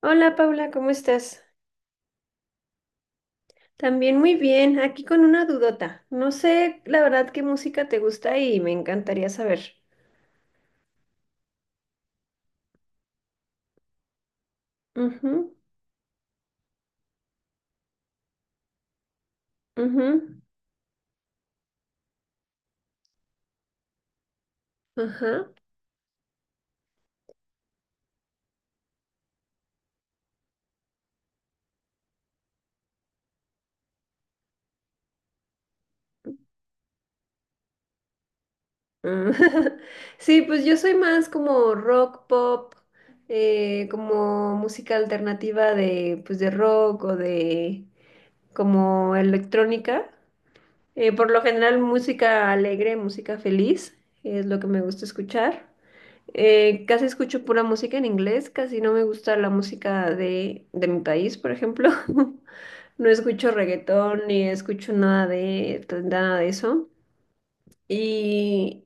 Hola Paula, ¿cómo estás? También muy bien, aquí con una dudota. No sé la verdad qué música te gusta y me encantaría saber. Ujú, ujú, ajá. Mm. Sí, pues yo soy más como rock, pop, como música alternativa de, pues de rock o de como electrónica. Por lo general música alegre, música feliz, es lo que me gusta escuchar. Casi escucho pura música en inglés, casi no me gusta la música de mi país, por ejemplo. No escucho reggaetón ni escucho nada de, pues, nada de eso. Y,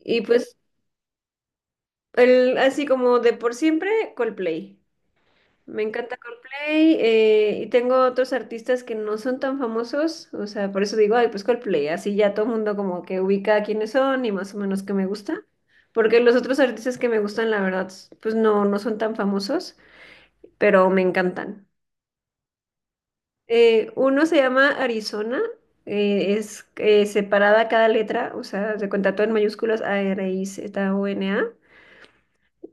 y pues el, así como de por siempre, Coldplay. Me encanta Coldplay y tengo otros artistas que no son tan famosos, o sea, por eso digo, ay, pues Coldplay, así ya todo el mundo como que ubica quiénes son y más o menos qué me gusta, porque los otros artistas que me gustan, la verdad, pues no, no son tan famosos, pero me encantan. Uno se llama Arizona, es separada cada letra, o sea, se cuenta todo en mayúsculas ARIZONA.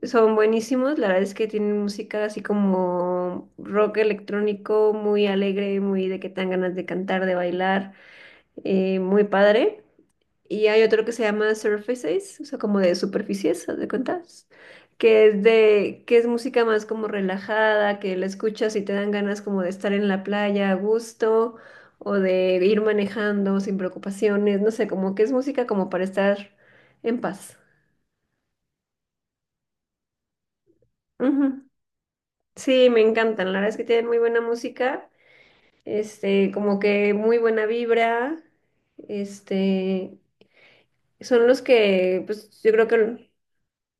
Son buenísimos, la verdad es que tienen música así como rock electrónico, muy alegre, muy de que te dan ganas de cantar, de bailar, muy padre. Y hay otro que se llama Surfaces, o sea, como de superficies, haz de cuentas, que es de, que es música más como relajada, que la escuchas y te dan ganas como de estar en la playa a gusto, o de ir manejando sin preocupaciones, no sé, como que es música como para estar en paz. Ujú. Sí, me encantan. La verdad es que tienen muy buena música, como que muy buena vibra, este, son los que, pues, yo creo que,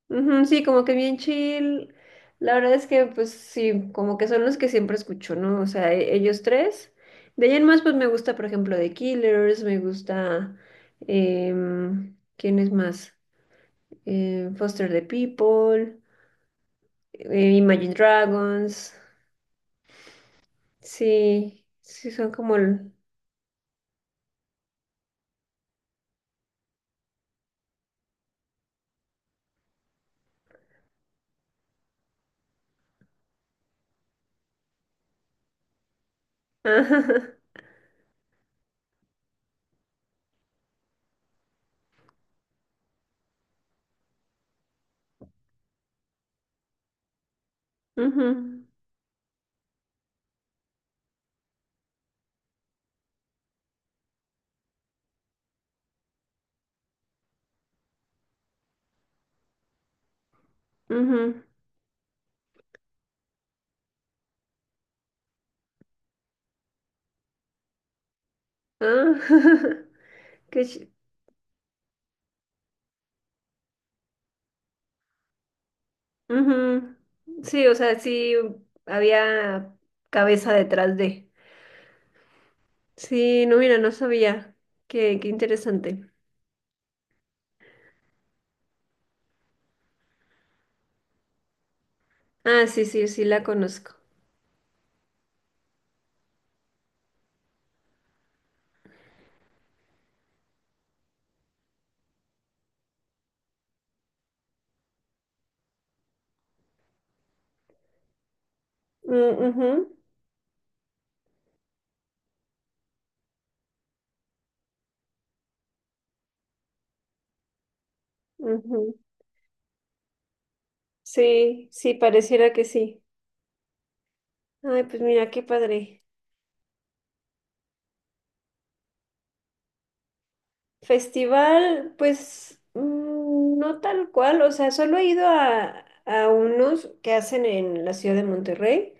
ujú, sí, como que bien chill. La verdad es que, pues, sí, como que son los que siempre escucho, ¿no? O sea, ellos tres. De ahí en más, pues, me gusta, por ejemplo, The Killers, me gusta, ¿quién es más? Foster the People, Imagine Dragons. Sí, sí, son como Ajá. Ujú, ujú. Ah, qué chi- ujú. Sí, o sea, sí había cabeza detrás de. Sí, no, mira, no sabía. Qué, qué interesante. Ah, sí, sí, sí la conozco. Mm, ujú, ujú. Sí, sí, pareciera que sí. Ay, pues mira, qué padre. Festival, pues no tal cual, o sea, solo he ido a unos que hacen en la ciudad de Monterrey.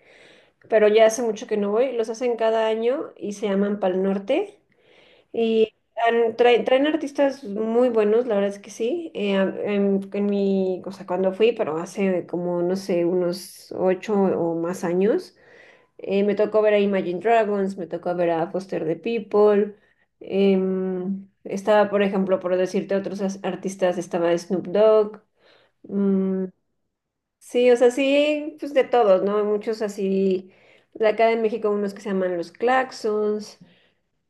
Pero ya hace mucho que no voy. Los hacen cada año y se llaman Pal Norte. Y traen, traen artistas muy buenos, la verdad es que sí. En mi, o sea, cuando fui, pero hace como, no sé, unos 8 o más años, me tocó ver a Imagine Dragons, me tocó ver a Foster the People. Estaba, por ejemplo, por decirte otros artistas, estaba Snoop Dogg. Mm. Sí, o sea, sí, pues de todos, ¿no? Hay muchos así, de acá de México unos que se llaman los Claxons,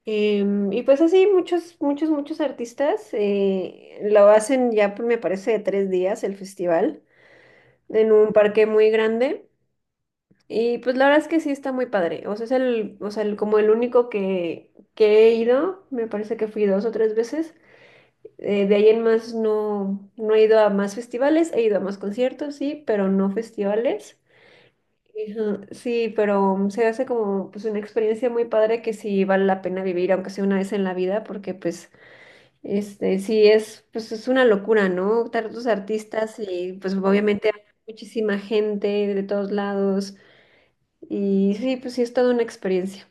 y pues así muchos, muchos, muchos artistas lo hacen ya, pues, me parece, de 3 días el festival, en un parque muy grande, y pues la verdad es que sí está muy padre, o sea, es el, o sea, como el único que he ido, me parece que fui 2 o 3 veces, de ahí en más no, no he ido a más festivales, he ido a más conciertos, sí, pero no festivales. Ajá. Sí, pero se hace como pues una experiencia muy padre que sí vale la pena vivir, aunque sea una vez en la vida, porque pues este sí es pues es una locura, ¿no? Tantos artistas y pues obviamente hay muchísima gente de todos lados y sí, pues sí es toda una experiencia.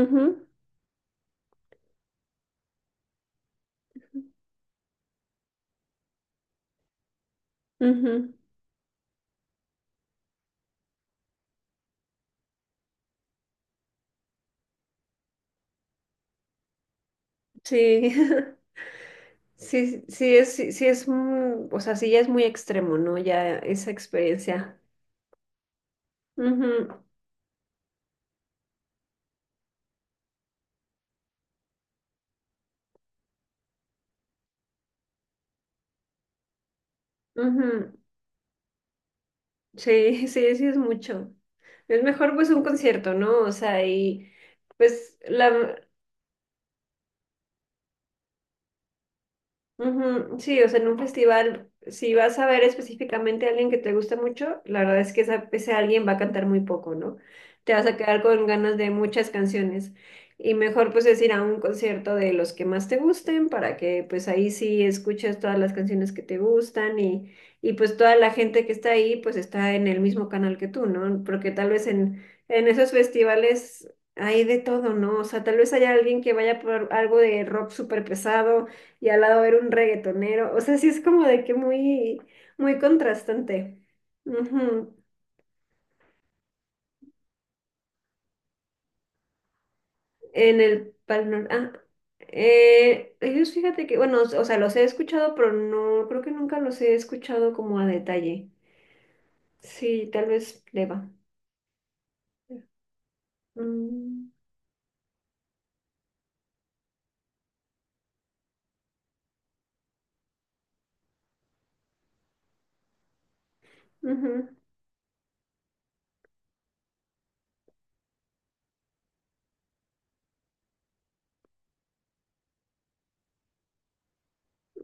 Ujú, ujú. Sí. Sí, sí es o sea, sí ya es muy extremo, ¿no? Ya esa experiencia. Ujú, ujú. Sí, sí, sí es mucho. Es mejor pues un concierto, ¿no? O sea, y pues la, ujú. Sí, o sea, en un festival, si vas a ver específicamente a alguien que te gusta mucho, la verdad es que ese alguien va a cantar muy poco, ¿no? Te vas a quedar con ganas de muchas canciones. Y mejor pues es ir a un concierto de los que más te gusten para que pues ahí sí escuches todas las canciones que te gustan y pues toda la gente que está ahí pues está en el mismo canal que tú, ¿no? Porque tal vez en esos festivales hay de todo, ¿no? O sea, tal vez haya alguien que vaya por algo de rock súper pesado y al lado era un reggaetonero. O sea, sí es como de que muy, muy contrastante. Ujú. En el Pal Norte. Ah, ellos fíjate que, bueno, o sea, los he escuchado, pero no, creo que nunca los he escuchado como a detalle. Sí, tal vez le va. Mm, ujú,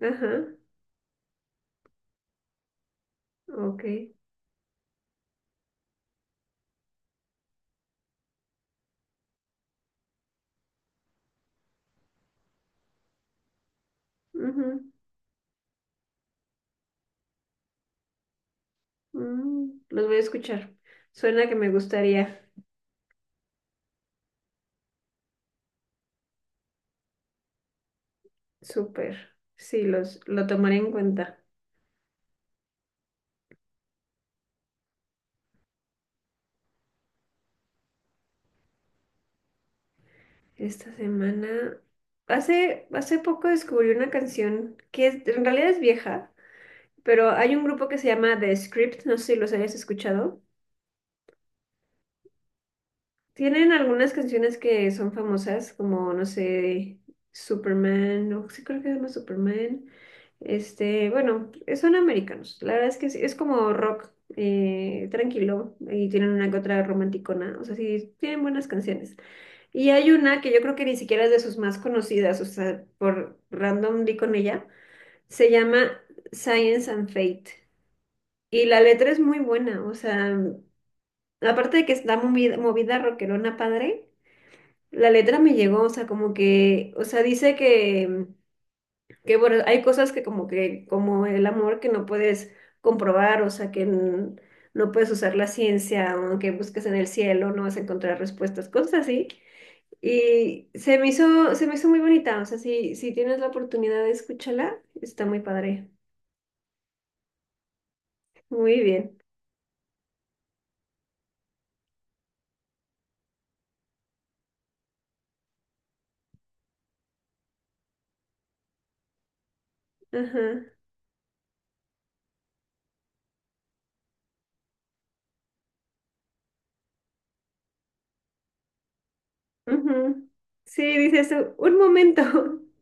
ajá, ok. Ujú, mm, los voy a escuchar. Suena que me gustaría. Súper. Sí, los, lo tomaré en cuenta. Esta semana, hace, hace poco descubrí una canción que en realidad es vieja, pero hay un grupo que se llama The Script, no sé si los hayas escuchado. Tienen algunas canciones que son famosas, como, no sé, Superman, o sí creo que se llama Superman. Este, bueno, son americanos. La verdad es que es como rock tranquilo y tienen una que otra romanticona. O sea, sí, tienen buenas canciones. Y hay una que yo creo que ni siquiera es de sus más conocidas, o sea, por random di con ella, se llama Science and Fate. Y la letra es muy buena, o sea, aparte de que está movida, movida rockerona padre, la letra me llegó, o sea, como que, o sea, dice que bueno, hay cosas que, como el amor que no puedes comprobar, o sea, no puedes usar la ciencia, aunque busques en el cielo, no vas a encontrar respuestas, cosas así. Y se me hizo muy bonita, o sea, si, si tienes la oportunidad de escucharla, está muy padre. Muy bien. Ajá. Ujú. Sí, dices, un momento".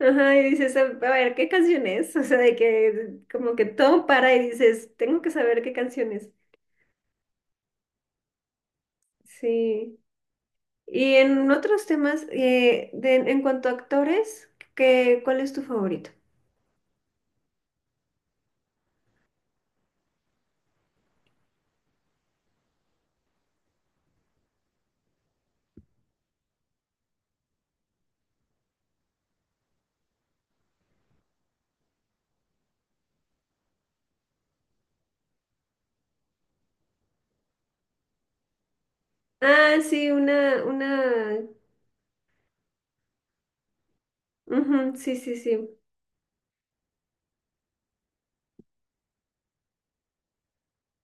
Ajá, y dices, a ver, ¿qué canción es? O sea, de que como que todo para y dices, tengo que saber qué canción es. Sí. Y en otros temas, en cuanto a actores, ¿qué, cuál es tu favorito? Ah, sí, una, ujú, sí, sí, sí.